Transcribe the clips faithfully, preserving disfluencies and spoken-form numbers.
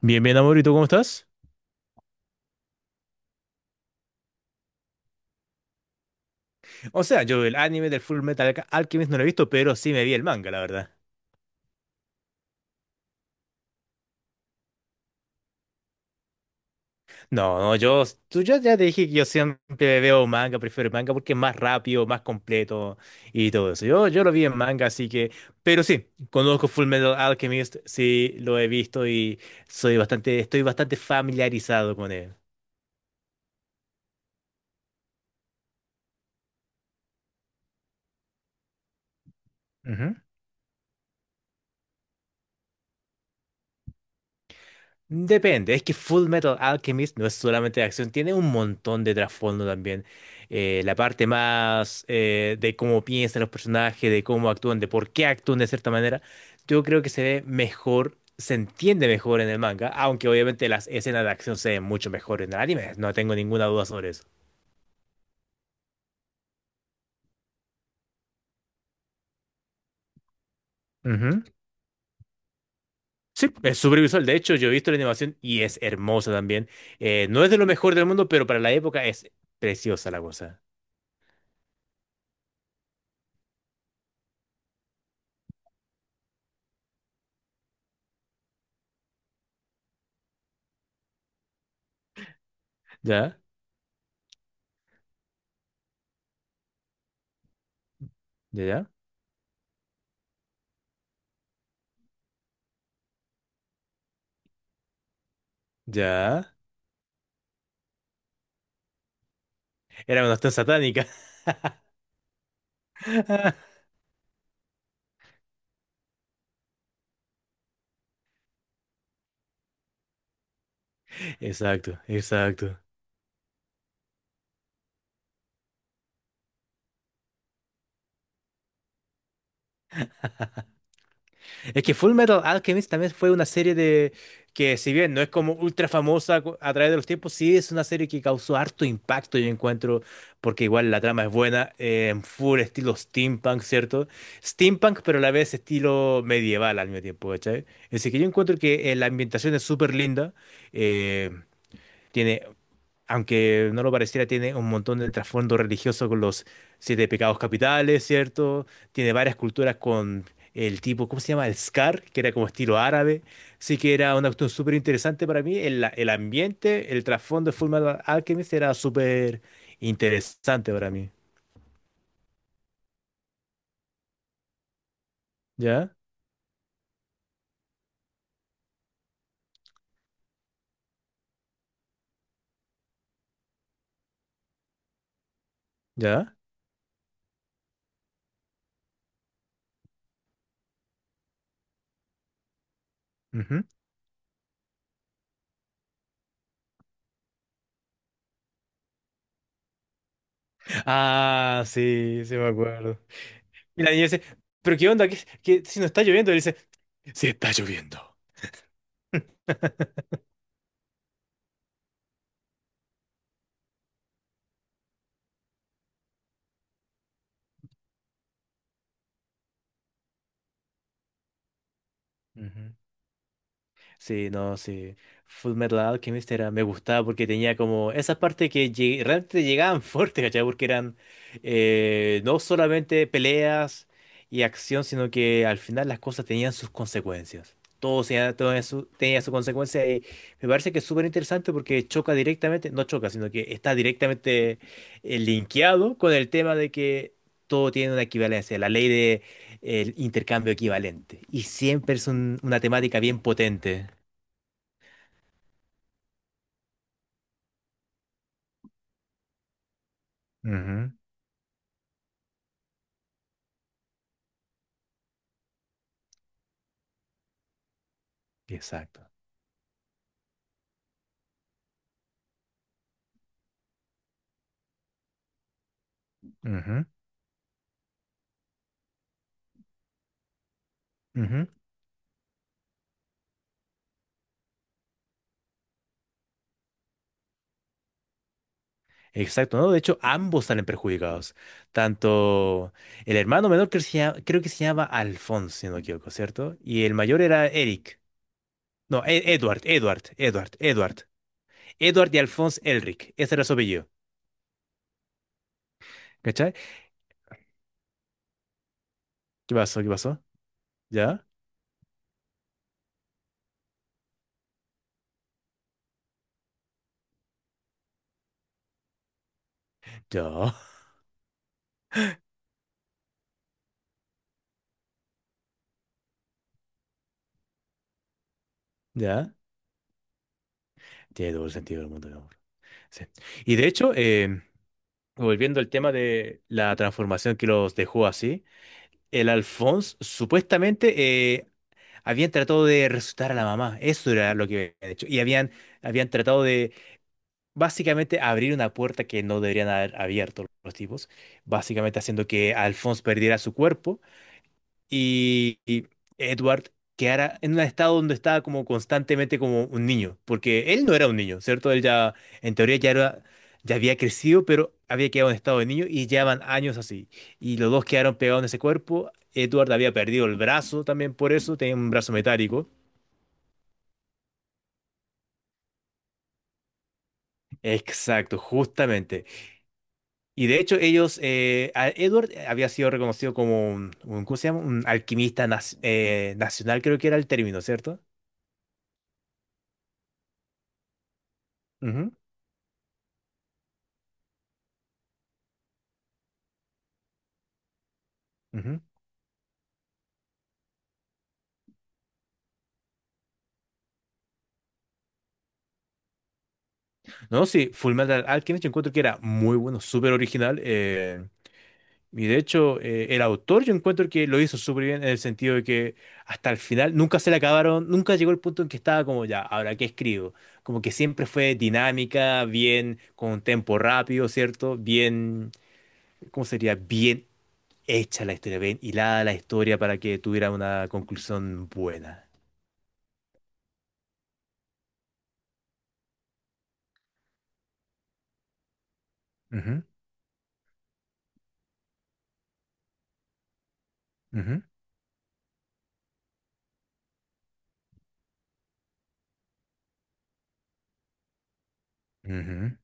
Bien, bien, amor, ¿y tú cómo estás? O sea, yo el anime del Full Metal Alca- Alchemist no lo he visto, pero sí me vi el manga, la verdad. No, no, yo, tú, yo ya te dije que yo siempre veo manga, prefiero el manga porque es más rápido, más completo y todo eso. Yo, yo lo vi en manga, así que, pero sí, conozco Full Metal Alchemist, sí, lo he visto y soy bastante, estoy bastante familiarizado con él. Depende, es que Full Metal Alchemist no es solamente de acción, tiene un montón de trasfondo también. Eh, la parte más eh, de cómo piensan los personajes, de cómo actúan, de por qué actúan de cierta manera, yo creo que se ve mejor, se entiende mejor en el manga, aunque obviamente las escenas de acción se ven mucho mejor en el anime, no tengo ninguna duda sobre eso. Ujú. Sí, es súper visual. De hecho, yo he visto la animación y es hermosa también. Eh, no es de lo mejor del mundo, pero para la época es preciosa la cosa. ¿Ya? ¿Ya? ¿Ya? ¿Ya? Era una cuestión satánica. Exacto, exacto. Es que Full Metal Alchemist también fue una serie de que si bien no es como ultra famosa cu- a través de los tiempos, sí es una serie que causó harto impacto, yo encuentro, porque igual la trama es buena, eh, en full estilo steampunk, ¿cierto? Steampunk, pero a la vez estilo medieval al mismo tiempo, ¿cachai? Así que yo encuentro que eh, la ambientación es súper linda, eh, tiene, aunque no lo pareciera, tiene un montón de trasfondo religioso con los siete pecados capitales, ¿cierto? Tiene varias culturas con el tipo, ¿cómo se llama? El Scar, que era como estilo árabe. Sí que era una cuestión súper interesante para mí. El, el ambiente, el trasfondo de Fullmetal Alchemist era súper interesante para mí. ¿Ya? ¿Ya? Ujú. Ah, sí, sí me acuerdo. Y la niña dice, ¿pero qué onda? ¿Qué, qué- si no está lloviendo? Y él dice, sí está lloviendo. Ujú. Sí, no, sí. Full Metal Alchemist era, me gustaba porque tenía como esa parte que lle- realmente llegaban fuerte, ¿cachai? Porque eran eh, no solamente peleas y acción, sino que al final las cosas tenían sus consecuencias. Todo, tenía, todo eso tenía su consecuencia y me parece que es súper interesante porque choca directamente, no choca, sino que está directamente eh, linkeado con el tema de que todo tiene una equivalencia, la ley de el intercambio equivalente. Y siempre es un- una temática bien potente. Ujú, exacto. Ujú, ujú. Exacto, ¿no? De hecho, ambos salen perjudicados. Tanto el hermano menor que se llama- creo que se llama Alphonse, si no me equivoco, ¿cierto? Y el mayor era Eric. No, E- Edward, Edward, Edward, Edward. Edward y Alphonse Elric. Ese era su apellido. ¿Cachai? ¿Qué pasó? ¿Qué pasó? ¿Ya? ¿Ya? ¿Ya? Tiene todo el sentido del mundo, mi amor. Sí. Y de hecho, em, volviendo al tema de la transformación que los dejó así. El Alphonse supuestamente eh, Habían tratado de resucitar a la mamá, eso era lo que habían hecho. Y habían, habían tratado de básicamente abrir una puerta que no deberían haber abierto los tipos, básicamente haciendo que Alphonse perdiera su cuerpo y, y Edward quedara en un estado donde estaba como constantemente como un niño, porque él no era un niño, ¿cierto? Él ya, en teoría, ya era, ya había crecido, pero había quedado en estado de niño y llevaban años así. Y los dos quedaron pegados en ese cuerpo. Edward había perdido el brazo también por eso, tenía un brazo metálico. Exacto, justamente. Y de hecho ellos, eh, a- Edward eh, había sido reconocido como un, un- ¿cómo se llama? Un alquimista nas- eh, nacional, creo que era el término, ¿cierto? Ujú, ujú. No, sí, Fullmetal Alchemist yo encuentro que era muy bueno, súper original. eh, y de hecho eh, el autor yo encuentro que lo hizo súper bien en el sentido de que hasta el final nunca se le acabaron, nunca llegó el punto en que estaba como ya, ¿ahora qué escribo? Como que siempre fue dinámica, bien, con un tempo rápido, ¿cierto? Bien, ¿cómo sería? Bien hecha la historia, bien hilada la historia para que tuviera una conclusión buena. Ujú, ujú, ujú.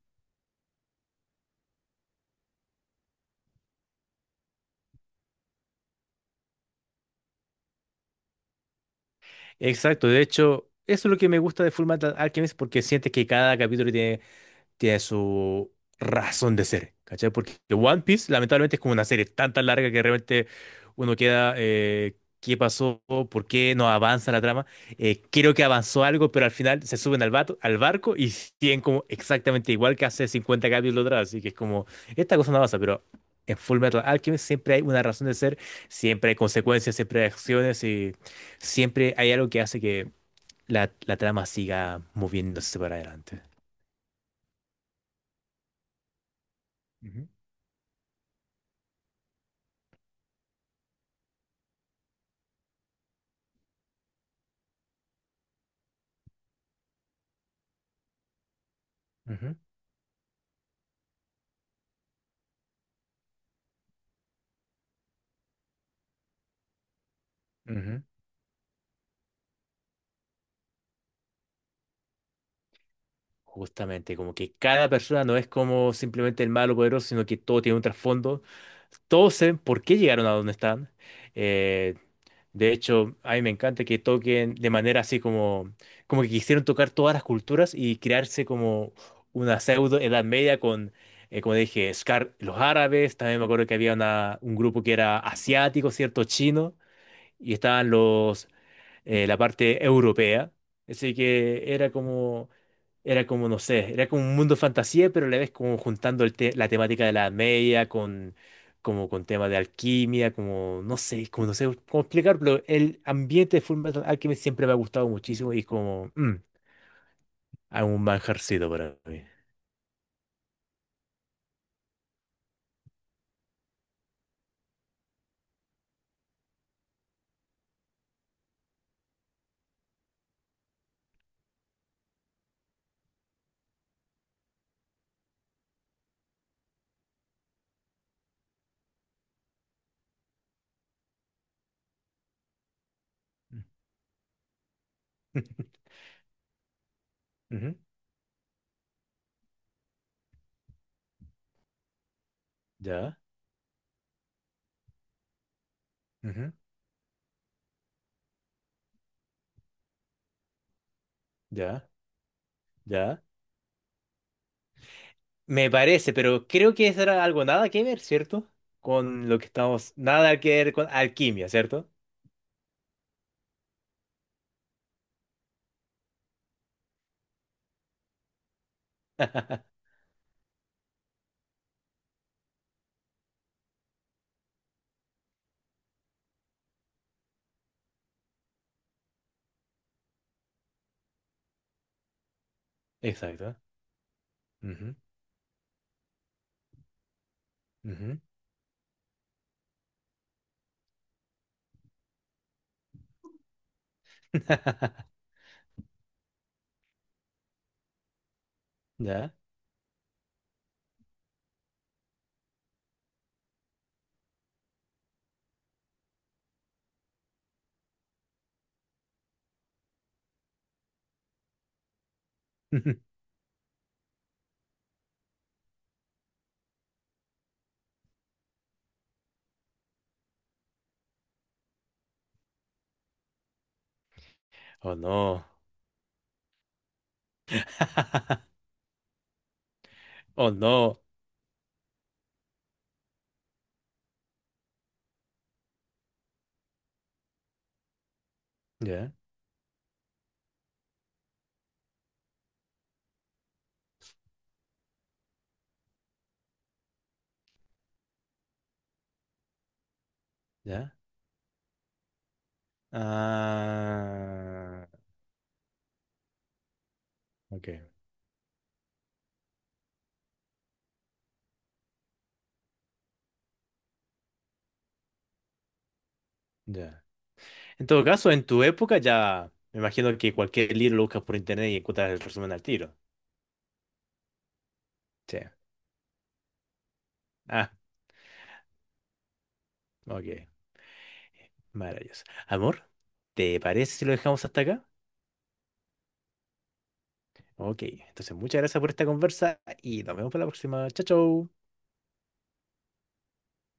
Exacto, de hecho, eso es lo que me gusta de Fullmetal Alchemist porque sientes que cada capítulo tiene tiene su razón de ser, ¿cachai? Porque One Piece, lamentablemente, es como una serie tan tan larga que realmente uno queda, eh, ¿qué pasó? ¿Por qué no avanza la trama? Eh, creo que avanzó algo, pero al final se suben al, vato- al barco y siguen como exactamente igual que hace cincuenta capítulos atrás, así que es como, esta cosa no avanza, pero. En Fullmetal Alchemist siempre hay una razón de ser, siempre hay consecuencias, siempre hay acciones y siempre hay algo que hace que la, la trama siga moviéndose para adelante. Ujú, ujú. Ujú. Justamente, como que cada persona no es como simplemente el malo poderoso, sino que todo tiene un trasfondo. Todos saben por qué llegaron a donde están. Eh, de hecho, a mí me encanta que toquen de manera así como, como que quisieron tocar todas las culturas y crearse como una pseudo Edad Media con, eh, como dije, Scar, los árabes. También me acuerdo que había una- un grupo que era asiático, ¿cierto? Chino. Y estaban los eh, la parte europea. Así que era como, era como, no sé, era como un mundo fantasía, pero a la vez como juntando el te- la temática de la Edad Media con, como con temas de alquimia, como, no sé, como no sé cómo explicarlo. El ambiente de Fullmetal Alchemist siempre me ha gustado muchísimo y como, mm, hay un manjarcito para mí. Ujú, ya, ujú, ya, ya. Me parece, pero creo que eso era algo nada que ver, ¿cierto? Con lo que estamos, nada que ver con alquimia, ¿cierto? Exacto. Ujú, ujú. ¿Ya? Oh no. Oh no. ¿Ya? ¿Ya? Ah, ok. Ya. En todo caso, en tu época ya me imagino que cualquier libro lo buscas por internet y encuentras el resumen al tiro. Sí. Ah, ok. Maravilloso. Amor, ¿te parece si lo dejamos hasta acá? Ok. Entonces, muchas gracias por esta conversa y nos vemos para la próxima. Chao, chao.